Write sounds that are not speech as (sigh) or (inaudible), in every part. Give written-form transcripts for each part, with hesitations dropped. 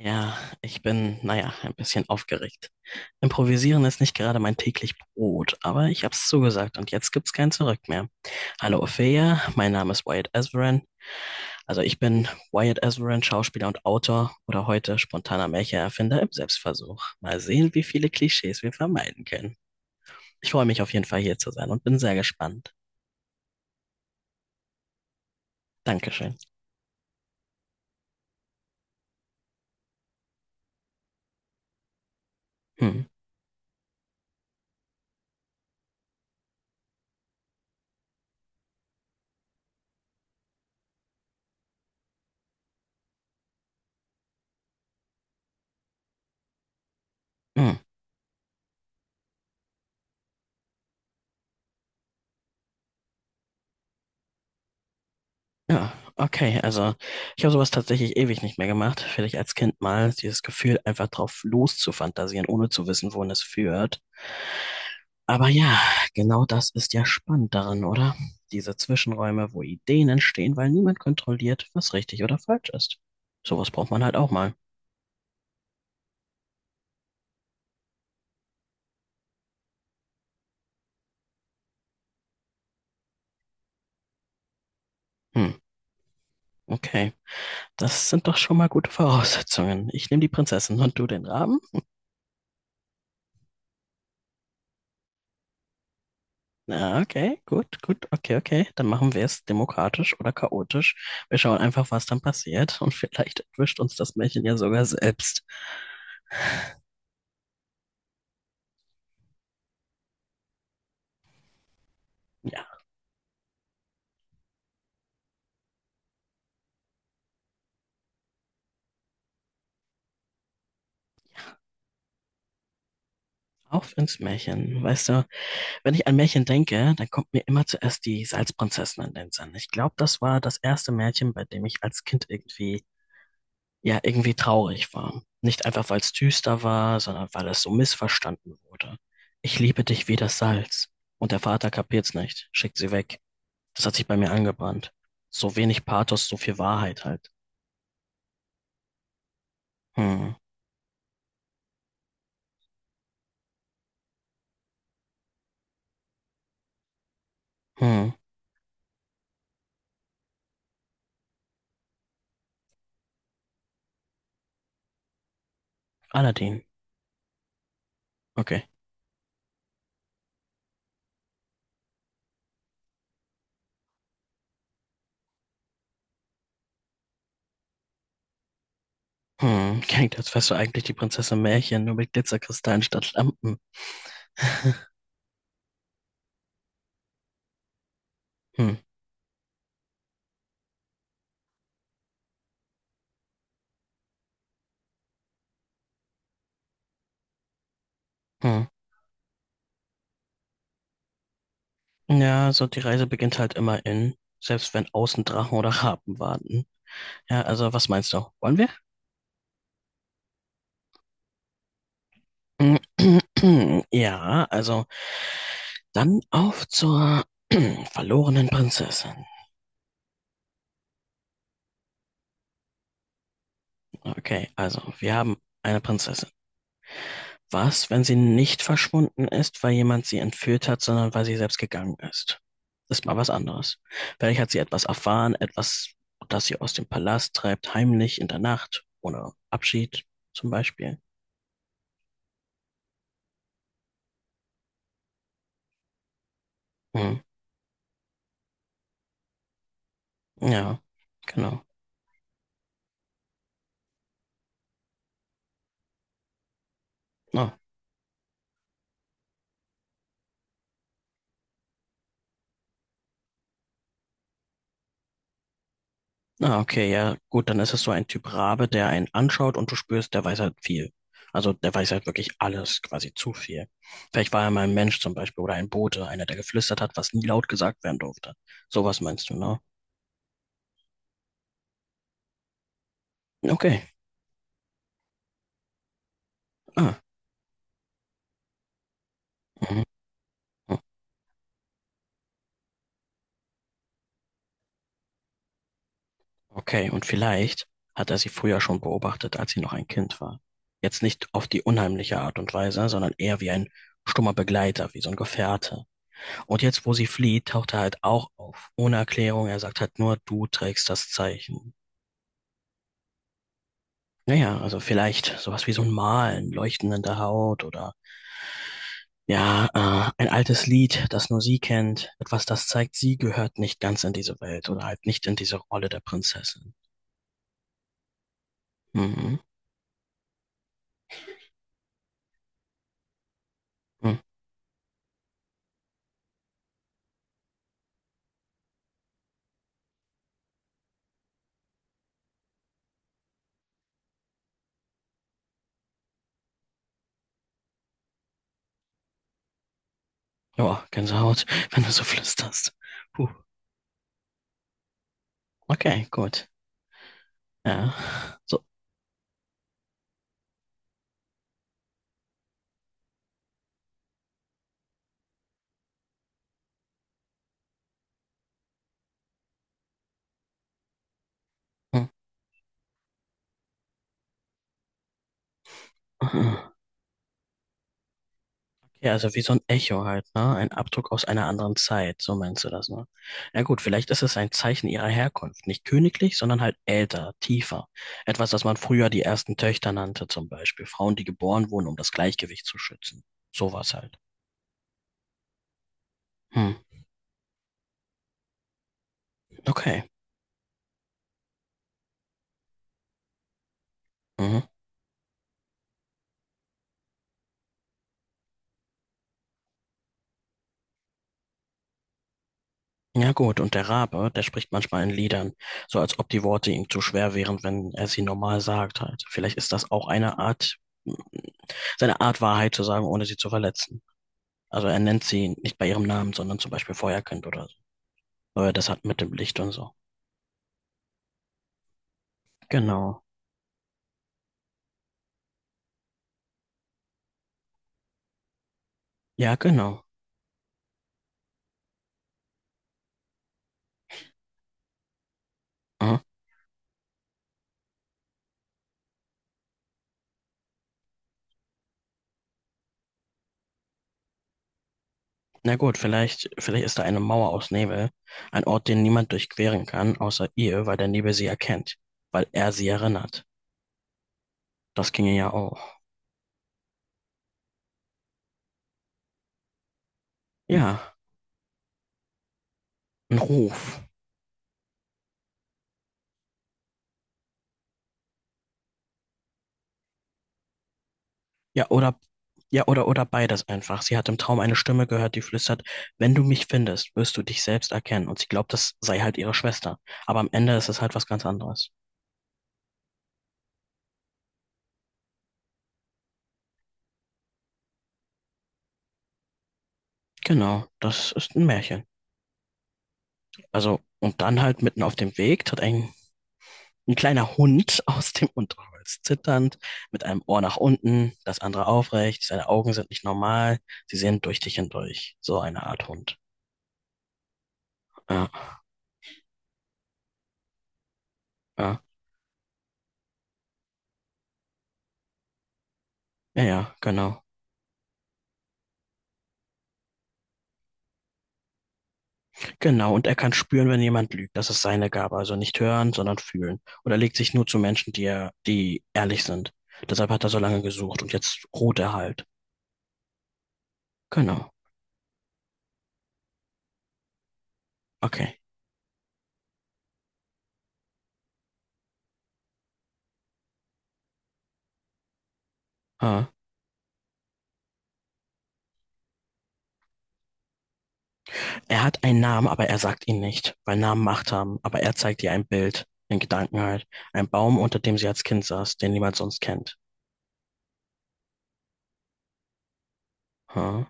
Ja, ich bin, ein bisschen aufgeregt. Improvisieren ist nicht gerade mein täglich Brot, aber ich hab's zugesagt und jetzt gibt's kein Zurück mehr. Hallo Ophelia, mein Name ist Wyatt Esverin. Also ich bin Wyatt Esverin, Schauspieler und Autor oder heute spontaner Märchenerfinder im Selbstversuch. Mal sehen, wie viele Klischees wir vermeiden können. Ich freue mich auf jeden Fall hier zu sein und bin sehr gespannt. Dankeschön. Hm. Hm. Ja, okay. Also ich habe sowas tatsächlich ewig nicht mehr gemacht. Vielleicht als Kind mal dieses Gefühl, einfach drauf loszufantasieren, ohne zu wissen, wohin es führt. Aber ja, genau das ist ja spannend daran, oder? Diese Zwischenräume, wo Ideen entstehen, weil niemand kontrolliert, was richtig oder falsch ist. Sowas braucht man halt auch mal. Hm, okay. Das sind doch schon mal gute Voraussetzungen. Ich nehme die Prinzessin und du den Raben. Ja, okay, gut, okay. Dann machen wir es demokratisch oder chaotisch. Wir schauen einfach, was dann passiert. Und vielleicht erwischt uns das Märchen ja sogar selbst. Ja, auf ins Märchen. Weißt du, wenn ich an Märchen denke, dann kommt mir immer zuerst die Salzprinzessin in den Sinn. Ich glaube, das war das erste Märchen, bei dem ich als Kind irgendwie, ja, irgendwie traurig war. Nicht einfach, weil es düster war, sondern weil es so missverstanden wurde. Ich liebe dich wie das Salz. Und der Vater kapiert's nicht, schickt sie weg. Das hat sich bei mir angebrannt. So wenig Pathos, so viel Wahrheit halt. Hm, hm. Aladdin. Okay. Hm, klingt, als wärst du eigentlich die Prinzessin Märchen, nur mit Glitzerkristallen statt Lampen. Hm, hm. Ja, so die Reise beginnt halt immer in, selbst wenn außen Drachen oder Raben warten. Ja, also was meinst du? Wollen wir? (clears throat) Ja, also dann auf zur (clears throat) verlorenen Prinzessin. Okay, also wir haben eine Prinzessin. Was, wenn sie nicht verschwunden ist, weil jemand sie entführt hat, sondern weil sie selbst gegangen ist? Ist mal was anderes. Vielleicht hat sie etwas erfahren, etwas, das sie aus dem Palast treibt, heimlich in der Nacht oder Abschied zum Beispiel. Hm. Ja, genau. Ah, ah, okay, ja, gut, dann ist es so ein Typ Rabe, der einen anschaut und du spürst, der weiß halt viel. Also der weiß halt wirklich alles, quasi zu viel. Vielleicht war er mal ein Mensch zum Beispiel oder ein Bote, einer, der geflüstert hat, was nie laut gesagt werden durfte. Sowas meinst du, ne? Okay. Ah. Mhm. Okay, und vielleicht hat er sie früher schon beobachtet, als sie noch ein Kind war. Jetzt nicht auf die unheimliche Art und Weise, sondern eher wie ein stummer Begleiter, wie so ein Gefährte. Und jetzt, wo sie flieht, taucht er halt auch auf. Ohne Erklärung, er sagt halt nur, du trägst das Zeichen. Naja, also vielleicht sowas wie so ein Malen, Leuchten in der Haut oder ja, ein altes Lied, das nur sie kennt. Etwas, das zeigt, sie gehört nicht ganz in diese Welt oder halt nicht in diese Rolle der Prinzessin. Mhm. Mhm. Ja, Gänsehaut, wenn du so flüsterst. Puh. Okay, gut. Ja. So. Ja, also wie so ein Echo halt, ne? Ein Abdruck aus einer anderen Zeit, so meinst du das, ne? Ja gut, vielleicht ist es ein Zeichen ihrer Herkunft. Nicht königlich, sondern halt älter, tiefer. Etwas, das man früher die ersten Töchter nannte, zum Beispiel. Frauen, die geboren wurden, um das Gleichgewicht zu schützen. Sowas halt. Hm. Okay. Mhm. Ja gut, und der Rabe, der spricht manchmal in Liedern, so als ob die Worte ihm zu schwer wären, wenn er sie normal sagt halt. Vielleicht ist das auch eine Art, hm, seine Art Wahrheit zu sagen, ohne sie zu verletzen. Also er nennt sie nicht bei ihrem Namen, sondern zum Beispiel Feuerkind oder so. Aber das hat mit dem Licht und so. Genau. Ja, genau. Mhm. Na gut, vielleicht ist da eine Mauer aus Nebel, ein Ort, den niemand durchqueren kann, außer ihr, weil der Nebel sie erkennt, weil er sie erinnert. Das ginge ja auch. Ja, ein Ruf. Ja, oder, ja, oder beides einfach. Sie hat im Traum eine Stimme gehört, die flüstert, wenn du mich findest, wirst du dich selbst erkennen. Und sie glaubt, das sei halt ihre Schwester. Aber am Ende ist es halt was ganz anderes. Genau, das ist ein Märchen. Also, und dann halt mitten auf dem Weg tritt ein kleiner Hund (laughs) aus dem Unterholz, zitternd, mit einem Ohr nach unten, das andere aufrecht, seine Augen sind nicht normal, sie sehen durch dich hindurch. So eine Art Hund. Ja, ja, ja, genau. Genau, und er kann spüren, wenn jemand lügt. Das ist seine Gabe. Also nicht hören, sondern fühlen. Und er legt sich nur zu Menschen, die ehrlich sind. Deshalb hat er so lange gesucht und jetzt ruht er halt. Genau. Okay. Ah. Er hat einen Namen, aber er sagt ihn nicht, weil Namen Macht haben. Aber er zeigt ihr ein Bild, in Gedanken halt. Ein Baum, unter dem sie als Kind saß, den niemand sonst kennt. Ah.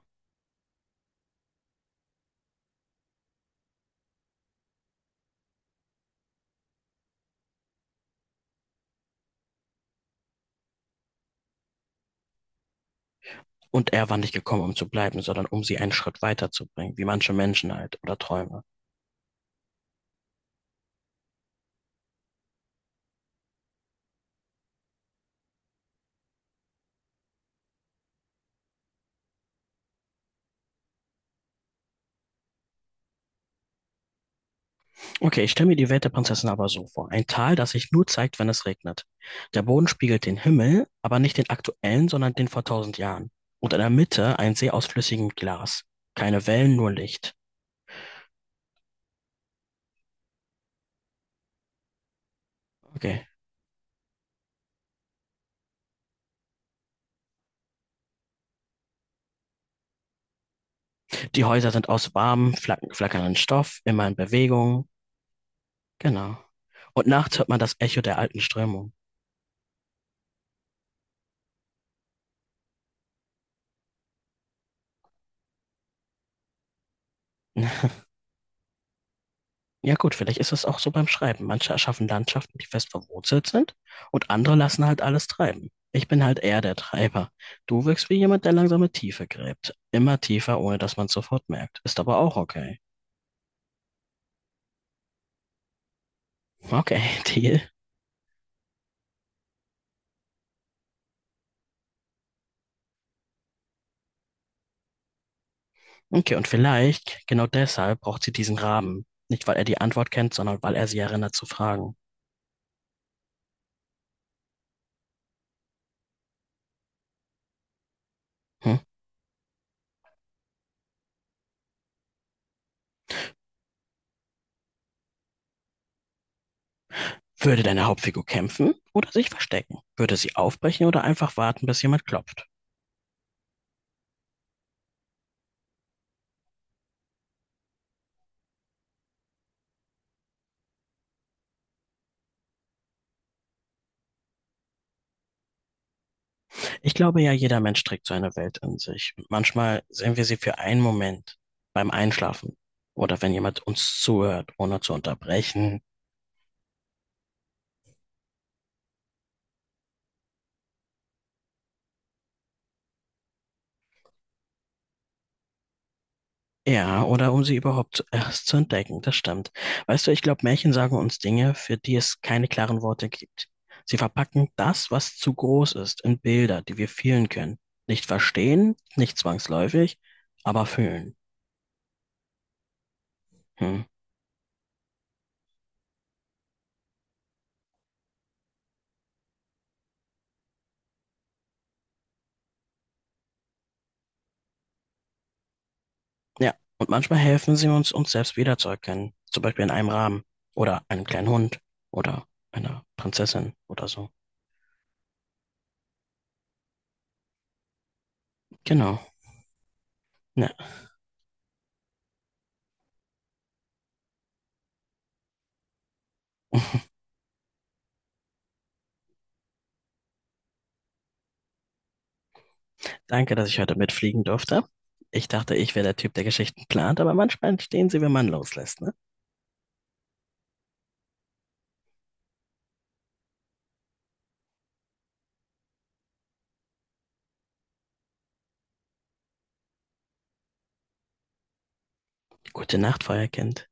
Und er war nicht gekommen, um zu bleiben, sondern um sie einen Schritt weiterzubringen, wie manche Menschen halt oder Träume. Okay, ich stelle mir die Welt der Prinzessin aber so vor. Ein Tal, das sich nur zeigt, wenn es regnet. Der Boden spiegelt den Himmel, aber nicht den aktuellen, sondern den vor tausend Jahren. Und in der Mitte ein See aus flüssigem Glas. Keine Wellen, nur Licht. Okay. Die Häuser sind aus warmem, flackernden Stoff, immer in Bewegung. Genau. Und nachts hört man das Echo der alten Strömung. Ja gut, vielleicht ist es auch so beim Schreiben. Manche erschaffen Landschaften, die fest verwurzelt sind und andere lassen halt alles treiben. Ich bin halt eher der Treiber. Du wirkst wie jemand, der langsame Tiefe gräbt. Immer tiefer, ohne dass man es sofort merkt. Ist aber auch okay. Okay, (laughs) Deal. Okay, und vielleicht, genau deshalb braucht sie diesen Rahmen. Nicht, weil er die Antwort kennt, sondern weil er sie erinnert zu fragen. Hm? Würde deine Hauptfigur kämpfen oder sich verstecken? Würde sie aufbrechen oder einfach warten, bis jemand klopft? Ich glaube ja, jeder Mensch trägt so eine Welt in sich. Manchmal sehen wir sie für einen Moment beim Einschlafen oder wenn jemand uns zuhört, ohne zu unterbrechen. Ja, oder um sie überhaupt erst zu entdecken, das stimmt. Weißt du, ich glaube, Märchen sagen uns Dinge, für die es keine klaren Worte gibt. Sie verpacken das, was zu groß ist, in Bilder, die wir fühlen können. Nicht verstehen, nicht zwangsläufig, aber fühlen. Hm. Ja, und manchmal helfen sie uns, uns selbst wiederzuerkennen. Zum Beispiel in einem Raben oder einem kleinen Hund oder einer Prinzessin oder so. Genau. Ja, danke, dass ich heute mitfliegen durfte. Ich dachte, ich wäre der Typ, der Geschichten plant, aber manchmal entstehen sie, wenn man loslässt, ne? Gute Nacht, Feuerkind.